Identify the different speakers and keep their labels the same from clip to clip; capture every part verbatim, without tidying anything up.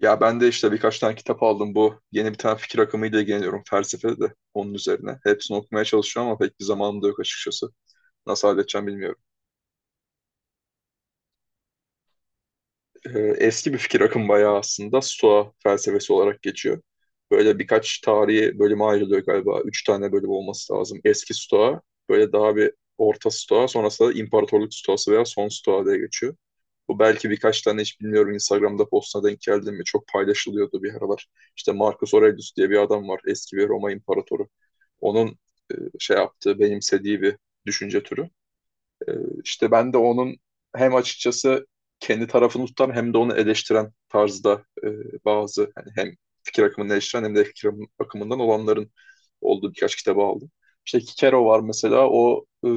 Speaker 1: Ya ben de işte birkaç tane kitap aldım. Bu yeni bir tane fikir akımıyla ilgileniyorum felsefede de onun üzerine. Hepsini okumaya çalışıyorum ama pek bir zamanım da yok açıkçası. Nasıl halledeceğim bilmiyorum. Ee, eski bir fikir akımı bayağı aslında Stoa felsefesi olarak geçiyor. Böyle birkaç tarihi bölüme ayrılıyor galiba. Üç tane bölüm olması lazım. Eski Stoa, böyle daha bir orta Stoa, sonrasında da İmparatorluk Stoası veya Son Stoa diye geçiyor. Bu belki birkaç tane hiç bilmiyorum Instagram'da postuna denk geldim mi? Çok paylaşılıyordu bir aralar. İşte Marcus Aurelius diye bir adam var. Eski bir Roma imparatoru. Onun e, şey yaptığı, benimsediği bir düşünce türü. Ee, işte ben de onun hem açıkçası kendi tarafını tutan hem de onu eleştiren tarzda e, bazı hani hem fikir akımını eleştiren hem de fikir akımından olanların olduğu birkaç kitabı aldım. İşte Kikero var mesela o e,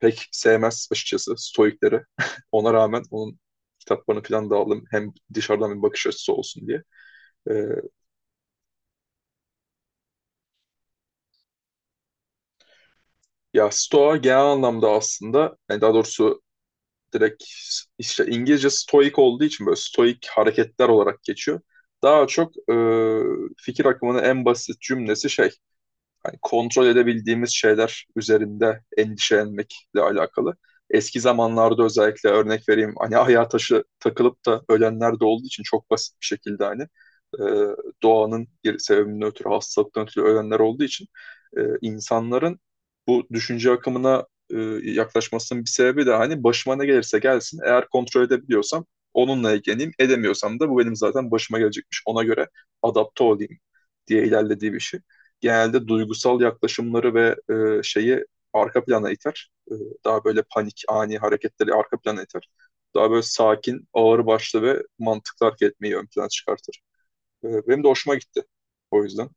Speaker 1: pek sevmez açıkçası Stoikleri. Ona rağmen onun kitaplarını falan da aldım. Hem dışarıdan bir bakış açısı olsun diye. E, ya Stoa genel anlamda aslında yani daha doğrusu direkt işte İngilizce stoik olduğu için böyle stoik hareketler olarak geçiyor. Daha çok e, fikir akımının en basit cümlesi şey hani kontrol edebildiğimiz şeyler üzerinde endişelenmekle alakalı. Eski zamanlarda özellikle örnek vereyim hani ayar taşı takılıp da ölenler de olduğu için çok basit bir şekilde hani e, doğanın bir sebebinden ötürü hastalıktan ötürü ölenler olduğu için e, insanların bu düşünce akımına e, yaklaşmasının bir sebebi de hani başıma ne gelirse gelsin eğer kontrol edebiliyorsam onunla ilgileneyim edemiyorsam da bu benim zaten başıma gelecekmiş ona göre adapte olayım diye ilerlediği bir şey genelde duygusal yaklaşımları ve e, şeyi arka plana iter. E, daha böyle panik, ani hareketleri arka plana iter. Daha böyle sakin, ağır başlı ve mantıklı hareket etmeyi ön plana çıkartır. E, benim de hoşuma gitti o yüzden.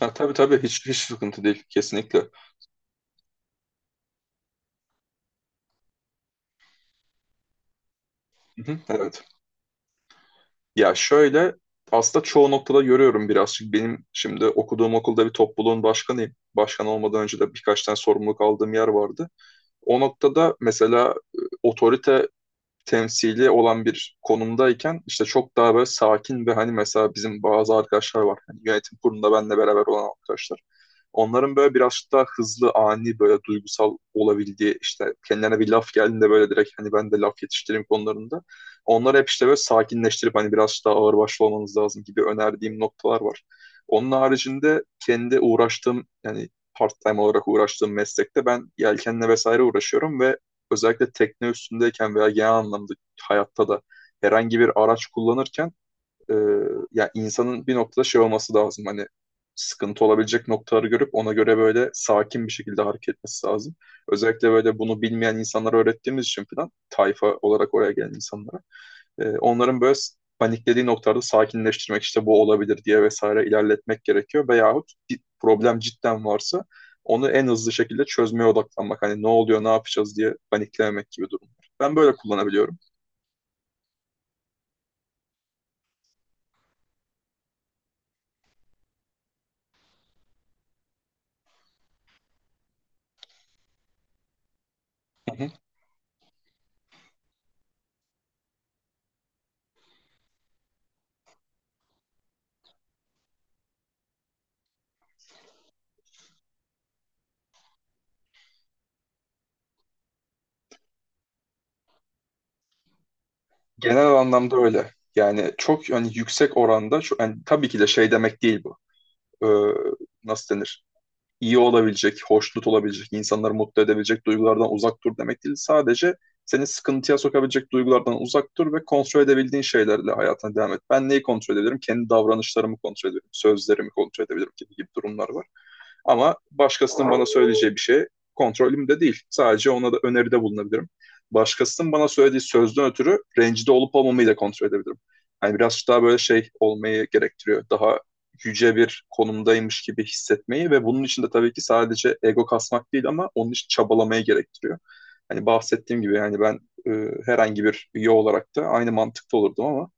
Speaker 1: Ha, tabii tabii, hiç, hiç sıkıntı değil kesinlikle. Hı hı, evet. Ya şöyle aslında çoğu noktada görüyorum birazcık. Benim şimdi okuduğum okulda bir topluluğun başkanıyım. Başkan olmadan önce de birkaç tane sorumluluk aldığım yer vardı. O noktada mesela e, otorite temsili olan bir konumdayken işte çok daha böyle sakin ve hani mesela bizim bazı arkadaşlar var. Hani yönetim kurulunda benle beraber olan arkadaşlar. Onların böyle biraz daha hızlı, ani böyle duygusal olabildiği işte kendilerine bir laf geldiğinde böyle direkt hani ben de laf yetiştireyim konularında. Onları hep işte böyle sakinleştirip hani biraz daha ağırbaşlı olmanız lazım gibi önerdiğim noktalar var. Onun haricinde kendi uğraştığım yani part-time olarak uğraştığım meslekte ben yelkenle vesaire uğraşıyorum ve özellikle tekne üstündeyken veya genel anlamda hayatta da herhangi bir araç kullanırken e, ya insanın bir noktada şey olması lazım. Hani sıkıntı olabilecek noktaları görüp ona göre böyle sakin bir şekilde hareket etmesi lazım. Özellikle böyle bunu bilmeyen insanlara öğrettiğimiz için falan tayfa olarak oraya gelen insanlara. E, onların böyle paniklediği noktalarda sakinleştirmek işte bu olabilir diye vesaire ilerletmek gerekiyor. Veyahut bir problem cidden varsa onu en hızlı şekilde çözmeye odaklanmak. Hani ne oluyor, ne yapacağız diye paniklememek gibi durumlar. Ben böyle kullanabiliyorum. Hı hı. Genel anlamda öyle. Yani çok yani yüksek oranda şu, yani tabii ki de şey demek değil bu. Ee, nasıl denir? İyi olabilecek, hoşnut olabilecek, insanları mutlu edebilecek duygulardan uzak dur demek değil. Sadece seni sıkıntıya sokabilecek duygulardan uzak dur ve kontrol edebildiğin şeylerle hayatına devam et. Ben neyi kontrol edebilirim? Kendi davranışlarımı kontrol edebilirim, sözlerimi kontrol edebilirim gibi gibi durumlar var. Ama başkasının bana söyleyeceği bir şey kontrolümde değil. Sadece ona da öneride bulunabilirim. Başkasının bana söylediği sözden ötürü rencide olup olmamayı da kontrol edebilirim. Yani biraz daha böyle şey olmayı gerektiriyor. Daha yüce bir konumdaymış gibi hissetmeyi ve bunun için de tabii ki sadece ego kasmak değil ama onun için çabalamayı gerektiriyor. Hani bahsettiğim gibi yani ben e, herhangi bir üye olarak da aynı mantıkta olurdum ama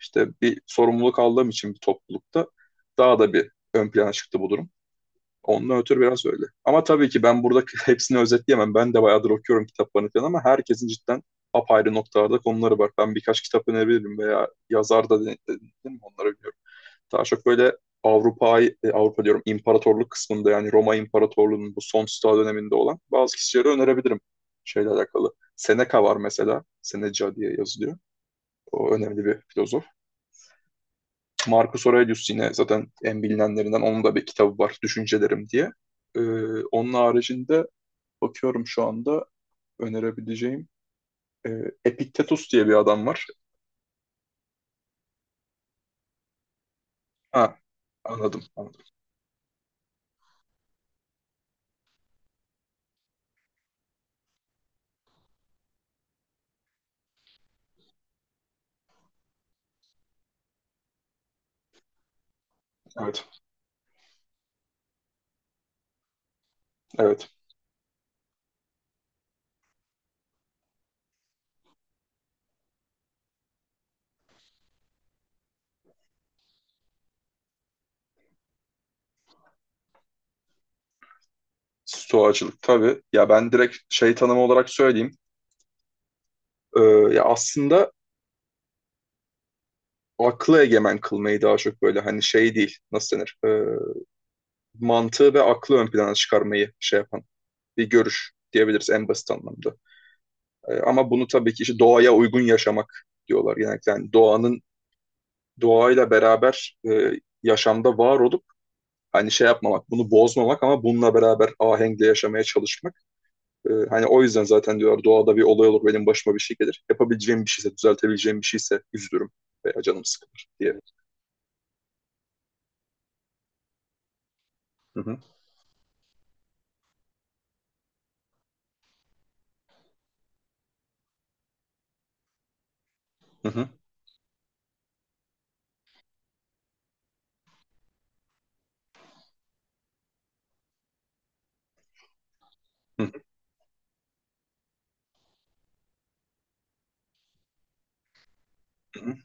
Speaker 1: işte bir sorumluluk aldığım için bir toplulukta daha da bir ön plana çıktı bu durum. Ondan ötürü biraz öyle. Ama tabii ki ben burada hepsini özetleyemem. Ben de bayağıdır okuyorum kitaplarını falan ama herkesin cidden apayrı noktalarda konuları var. Ben birkaç kitap önerebilirim veya yazar da de- dedim mi onları biliyorum. Daha çok böyle Avrupa, Avrupa diyorum imparatorluk kısmında yani Roma İmparatorluğu'nun bu son Sta döneminde olan bazı kişileri önerebilirim şeyle alakalı. Seneca var mesela. Seneca diye yazılıyor. O önemli bir filozof. Marcus Aurelius yine zaten en bilinenlerinden onun da bir kitabı var Düşüncelerim diye. Ee, onun haricinde bakıyorum şu anda önerebileceğim e, Epiktetus diye bir adam var. Ha, anladım, anladım. Evet, evet. Stoacılık tabii. Ya ben direkt şey tanımı olarak söyleyeyim. Ee, ya aslında aklı egemen kılmayı daha çok böyle hani şey değil, nasıl denir? Ee, mantığı ve aklı ön plana çıkarmayı şey yapan bir görüş diyebiliriz en basit anlamda. E, ama bunu tabii ki işte doğaya uygun yaşamak diyorlar genellikle. Yani doğanın doğayla beraber e, yaşamda var olup hani şey yapmamak, bunu bozmamak ama bununla beraber ahenkle yaşamaya çalışmak. Ee, hani o yüzden zaten diyorlar doğada bir olay olur benim başıma bir şey gelir. Yapabileceğim bir şeyse, düzeltebileceğim bir şeyse üzülürüm veya canım sıkılır diye. Hı hı, hı hı, hı hı,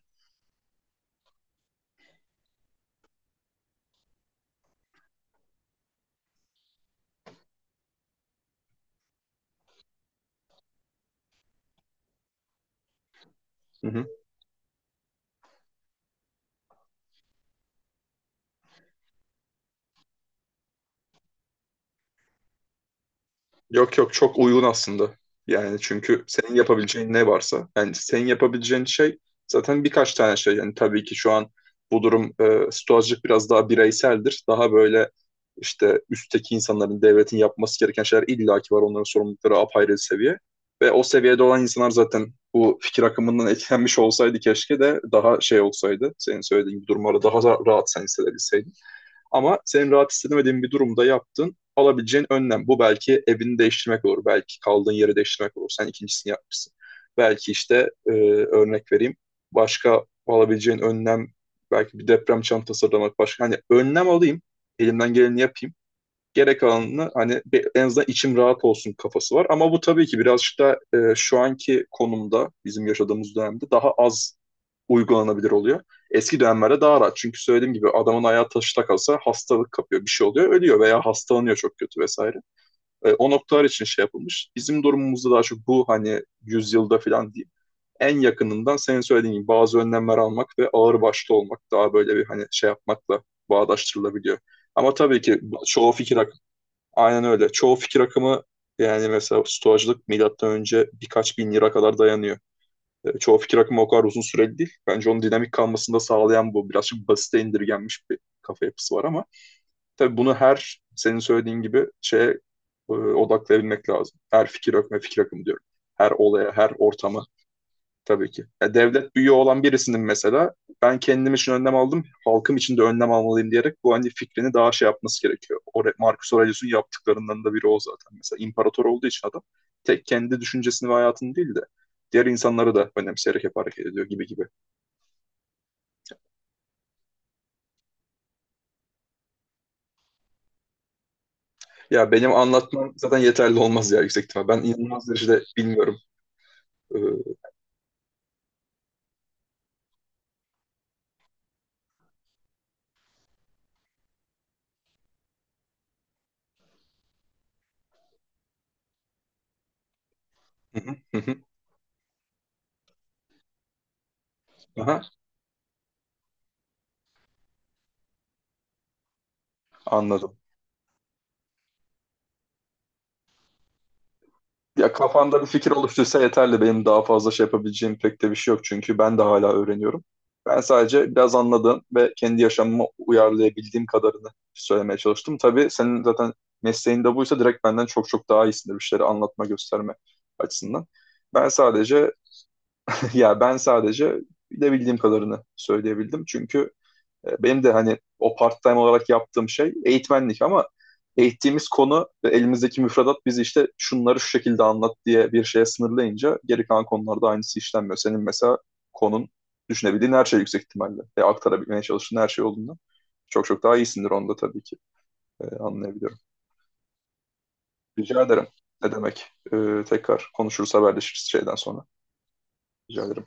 Speaker 1: hı hı. Yok yok, çok uygun aslında. Yani çünkü senin yapabileceğin ne varsa yani senin yapabileceğin şey zaten birkaç tane şey. Yani tabii ki şu an bu durum e, stoacılık biraz daha bireyseldir. Daha böyle işte üstteki insanların, devletin yapması gereken şeyler illaki var. Onların sorumlulukları apayrı bir seviye. Ve o seviyede olan insanlar zaten bu fikir akımından etkilenmiş olsaydı keşke de daha şey olsaydı. Senin söylediğin gibi durumları daha ra- rahat sen hissedebilseydin. Ama senin rahat istemediğin bir durumda yaptın. Alabileceğin önlem. Bu belki evini değiştirmek olur. Belki kaldığın yeri değiştirmek olur. Sen ikincisini yapmışsın. Belki işte e, örnek vereyim. Başka alabileceğin önlem belki bir deprem çantası hazırlamak başka. Hani önlem alayım. Elimden geleni yapayım. Gerek alanını hani bir- en azından içim rahat olsun kafası var. Ama bu tabii ki birazcık da e, şu anki konumda bizim yaşadığımız dönemde daha az uygulanabilir oluyor. Eski dönemlerde daha rahat. Çünkü söylediğim gibi adamın ayağı taşta kalsa hastalık kapıyor, bir şey oluyor, ölüyor veya hastalanıyor çok kötü vesaire. E, o noktalar için şey yapılmış. Bizim durumumuzda daha çok bu hani yüzyılda falan diyeyim. En yakınından senin söylediğin gibi bazı önlemler almak ve ağır başlı olmak daha böyle bir hani şey yapmakla bağdaştırılabiliyor. Ama tabii ki çoğu fikir akımı, aynen öyle. Çoğu fikir akımı yani mesela stoacılık milattan önce birkaç bin lira kadar dayanıyor. E, çoğu fikir akımı o kadar uzun süreli değil. Bence onun dinamik kalmasını da sağlayan bu. Birazcık basite indirgenmiş bir kafa yapısı var ama tabii bunu her senin söylediğin gibi şeye e, odaklayabilmek lazım. Her fikir akımı fikir akımı diyorum. Her olaya, her ortama. Tabii ki. Ya devlet büyüğü olan birisinin mesela ben kendim için önlem aldım, halkım için de önlem almalıyım diyerek bu hani fikrini daha şey yapması gerekiyor. O Marcus Aurelius'un yaptıklarından da biri o zaten. Mesela imparator olduğu için adam tek kendi düşüncesini ve hayatını değil de diğer insanları da önemseyerek hep hareket ediyor gibi gibi. Ya benim anlatmam zaten yeterli olmaz ya yüksek ihtimal. Ben inanılmaz derecede bilmiyorum. Ee, hı hı, hı hı. Aha, anladım. Ya kafanda bir fikir oluştuysa yeterli. Benim daha fazla şey yapabileceğim pek de bir şey yok. Çünkü ben de hala öğreniyorum. Ben sadece biraz anladığım ve kendi yaşamıma uyarlayabildiğim kadarını söylemeye çalıştım. Tabii senin zaten mesleğin de buysa direkt benden çok çok daha iyisindir bir şeyleri anlatma, gösterme açısından. Ben sadece ya ben sadece bilebildiğim kadarını söyleyebildim. Çünkü e, benim de hani o part-time olarak yaptığım şey eğitmenlik ama eğittiğimiz konu ve elimizdeki müfredat bizi işte şunları şu şekilde anlat diye bir şeye sınırlayınca geri kalan konularda aynısı işlenmiyor. Senin mesela konun düşünebildiğin her şey yüksek ihtimalle ve aktarabilmeye çalıştığın her şey olduğundan çok çok daha iyisindir onda tabii ki. E, anlayabiliyorum. Rica ederim. Ne demek? E, tekrar konuşuruz, haberleşiriz şeyden sonra. Rica ederim.